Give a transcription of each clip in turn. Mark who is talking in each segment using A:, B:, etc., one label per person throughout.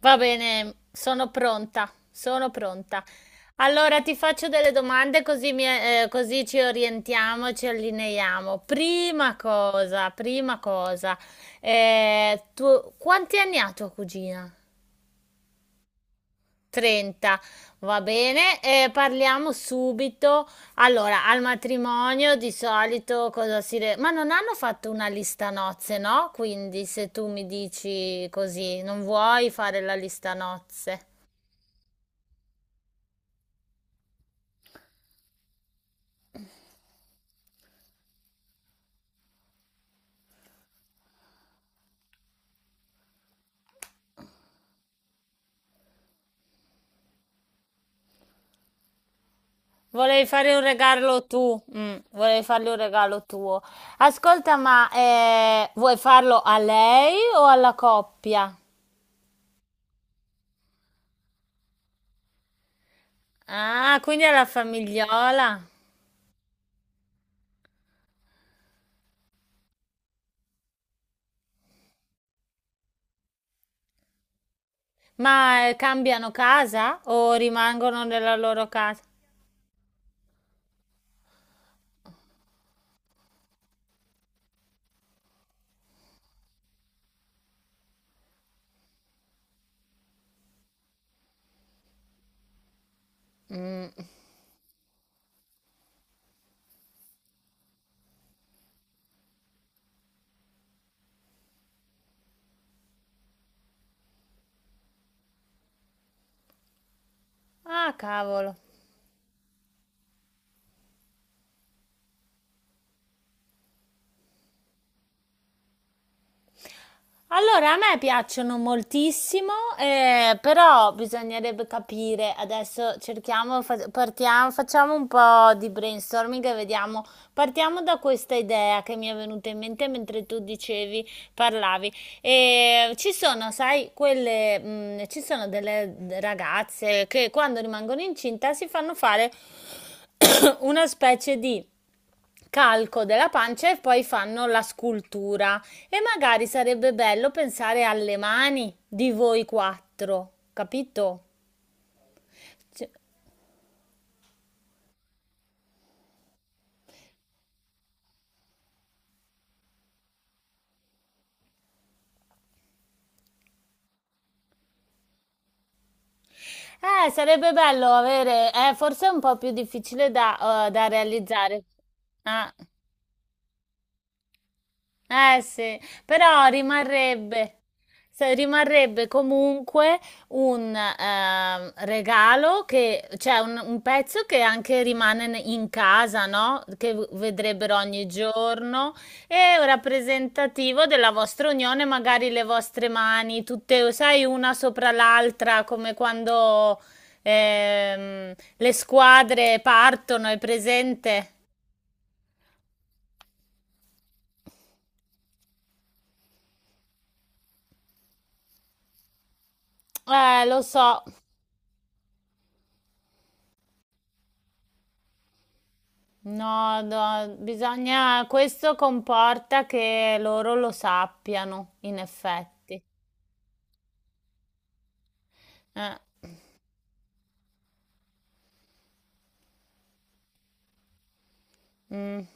A: Va bene, sono pronta, sono pronta. Allora ti faccio delle domande così, così ci orientiamo, ci allineiamo. Prima cosa, quanti anni ha tua cugina? 30, va bene, parliamo subito. Allora, al matrimonio di solito. Ma non hanno fatto una lista nozze, no? Quindi se tu mi dici così, non vuoi fare la lista nozze. Volevi fare un regalo tu, volevi fargli un regalo tuo. Ascolta, ma vuoi farlo a lei o alla coppia? Ah, quindi alla famigliola. Ma cambiano casa o rimangono nella loro casa? Mm. Ah, cavolo. Allora, a me piacciono moltissimo, però bisognerebbe capire, adesso cerchiamo, partiamo, facciamo un po' di brainstorming e vediamo, partiamo da questa idea che mi è venuta in mente mentre tu dicevi, parlavi. Ci sono, sai, quelle, ci sono delle ragazze che quando rimangono incinta si fanno fare una specie di calco della pancia e poi fanno la scultura. E magari sarebbe bello pensare alle mani di voi quattro, capito? Cioè, sarebbe bello avere, forse è un po' più difficile da realizzare. Ah. Eh sì, però rimarrebbe, se- rimarrebbe comunque un regalo che, cioè un pezzo che anche rimane in casa, no? Che vedrebbero ogni giorno e rappresentativo della vostra unione, magari le vostre mani, tutte, sai, una sopra l'altra, come quando le squadre partono, è presente? Lo so. No, no, bisogna, questo comporta che loro lo sappiano, in effetti. Eh, mm.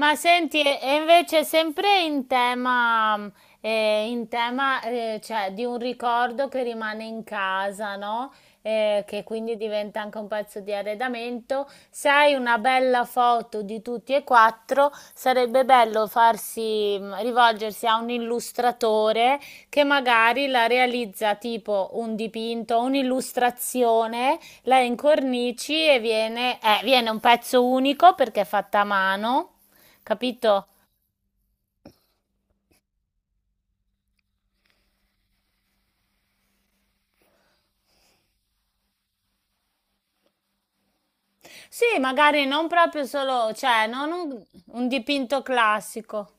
A: Ma senti, e invece sempre in tema cioè, di un ricordo che rimane in casa, no? Che quindi diventa anche un pezzo di arredamento. Se hai una bella foto di tutti e quattro, sarebbe bello farsi, rivolgersi a un illustratore che magari la realizza tipo un dipinto, un'illustrazione, la incornici e viene un pezzo unico perché è fatta a mano, capito? Sì, magari non proprio solo, cioè, non un dipinto classico.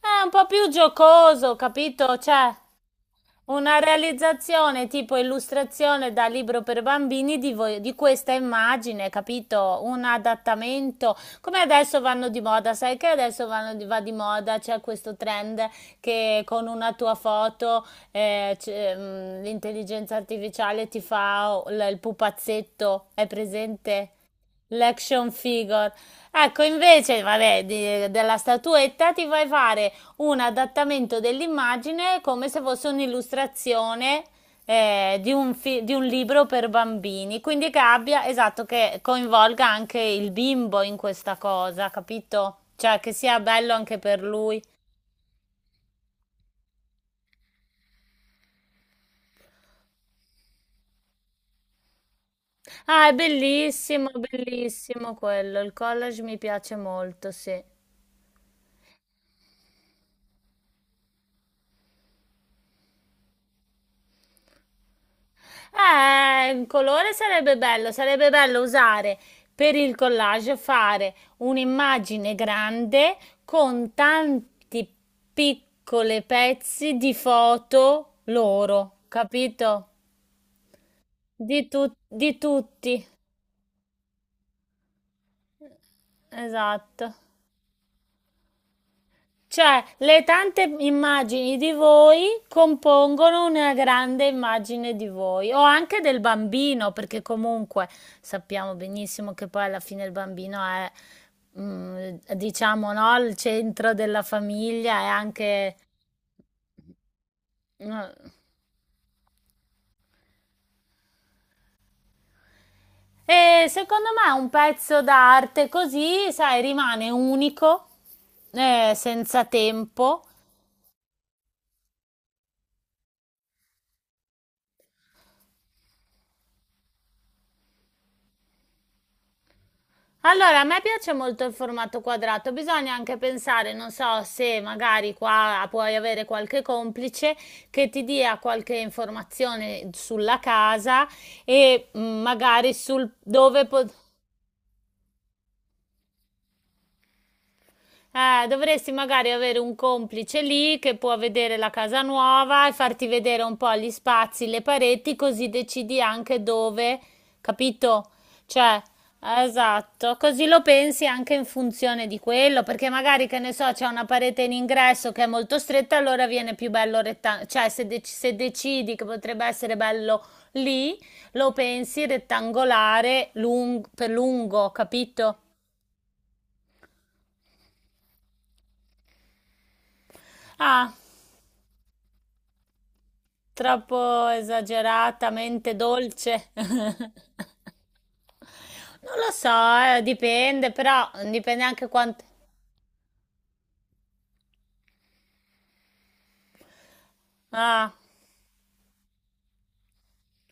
A: È un po' più giocoso, capito? Cioè, una realizzazione tipo illustrazione da libro per bambini di questa immagine, capito? Un adattamento, come adesso vanno di moda, sai che adesso vanno di, va di moda, c'è questo trend che con una tua foto c'è, l'intelligenza artificiale ti fa il pupazzetto, è presente? L'action figure. Ecco, invece, vabbè, della statuetta ti vai a fare un adattamento dell'immagine come se fosse un'illustrazione, di un libro per bambini, quindi che abbia, esatto, che coinvolga anche il bimbo in questa cosa, capito? Cioè che sia bello anche per lui. Ah, è bellissimo, bellissimo quello, il collage mi piace molto, sì. Un colore sarebbe bello usare per il collage, fare un'immagine grande con tanti piccoli pezzi di foto loro, capito? Di tutti, esatto. Cioè, le tante immagini di voi compongono una grande immagine di voi, o anche del bambino, perché comunque sappiamo benissimo che poi alla fine il bambino è, diciamo, no, il centro della famiglia, è anche. Mm. E secondo me un pezzo d'arte così, sai, rimane unico, senza tempo. Allora, a me piace molto il formato quadrato, bisogna anche pensare, non so, se magari qua puoi avere qualche complice che ti dia qualche informazione sulla casa e magari sul dove. Dovresti magari avere un complice lì che può vedere la casa nuova e farti vedere un po' gli spazi, le pareti, così decidi anche dove, capito? Cioè, esatto, così lo pensi anche in funzione di quello, perché magari, che ne so, c'è una parete in ingresso che è molto stretta, allora viene più bello rettangolare, cioè se decidi che potrebbe essere bello lì, lo pensi rettangolare per lungo, capito? Ah, troppo esageratamente dolce. Non lo so, dipende, però dipende anche quanto. Ah,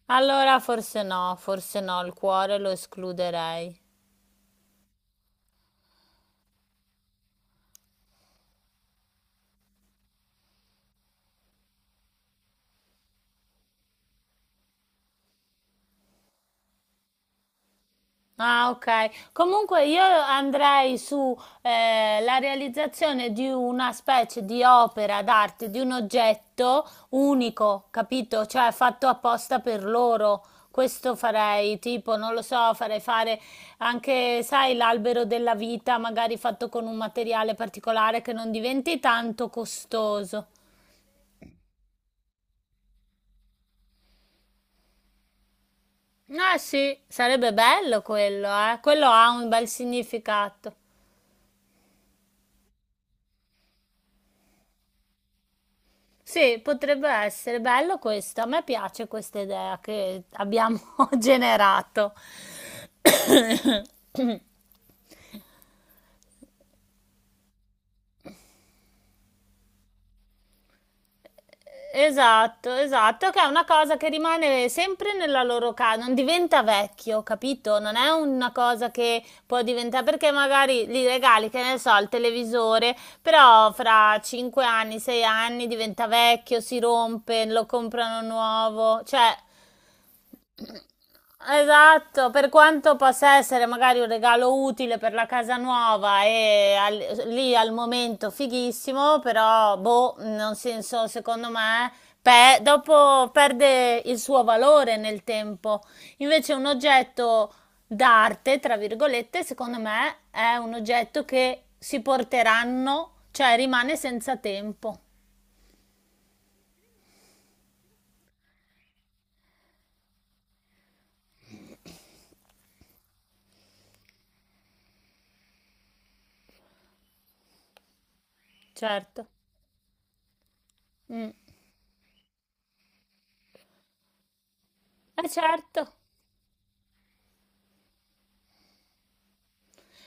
A: allora forse no, il cuore lo escluderei. Ah, ok. Comunque io andrei su la realizzazione di una specie di opera d'arte, di un oggetto unico, capito? Cioè fatto apposta per loro. Questo farei, tipo, non lo so, farei fare anche, sai, l'albero della vita, magari fatto con un materiale particolare che non diventi tanto costoso. Ah, sì, sarebbe bello quello, eh. Quello ha un bel significato. Sì, potrebbe essere bello questo. A me piace questa idea che abbiamo generato. Esatto, esatto, che è una cosa che rimane sempre nella loro casa, non diventa vecchio, capito? Non è una cosa che può diventare, perché magari gli regali, che ne so, il televisore, però fra 5 anni, 6 anni diventa vecchio, si rompe, lo comprano nuovo, cioè. Esatto, per quanto possa essere magari un regalo utile per la casa nuova e lì al momento fighissimo, però boh, non senso, secondo me, dopo perde il suo valore nel tempo. Invece un oggetto d'arte, tra virgolette, secondo me è un oggetto che si porteranno, cioè rimane senza tempo. Certo. Mm. Eh certo.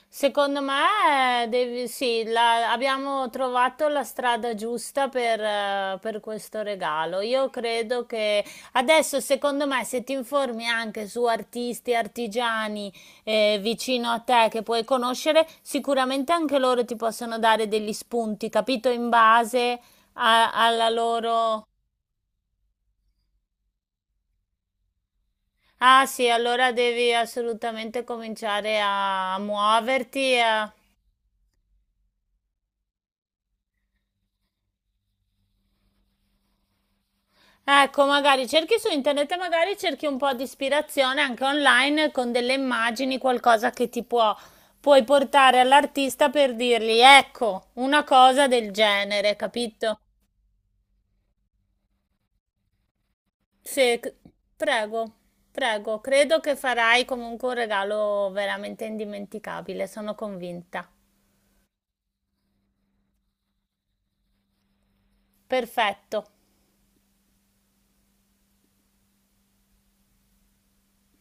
A: Secondo me, sì, abbiamo trovato la strada giusta per questo regalo. Io credo che adesso, secondo me, se ti informi anche su artisti, artigiani, vicino a te che puoi conoscere, sicuramente anche loro ti possono dare degli spunti, capito? In base alla loro. Ah sì, allora devi assolutamente cominciare a muoverti. Ecco, magari cerchi su internet e magari cerchi un po' di ispirazione anche online con delle immagini, qualcosa che ti può, puoi portare all'artista per dirgli, ecco, una cosa del genere, capito? Sì, prego, prego, credo che farai comunque un regalo veramente indimenticabile, sono convinta. Perfetto.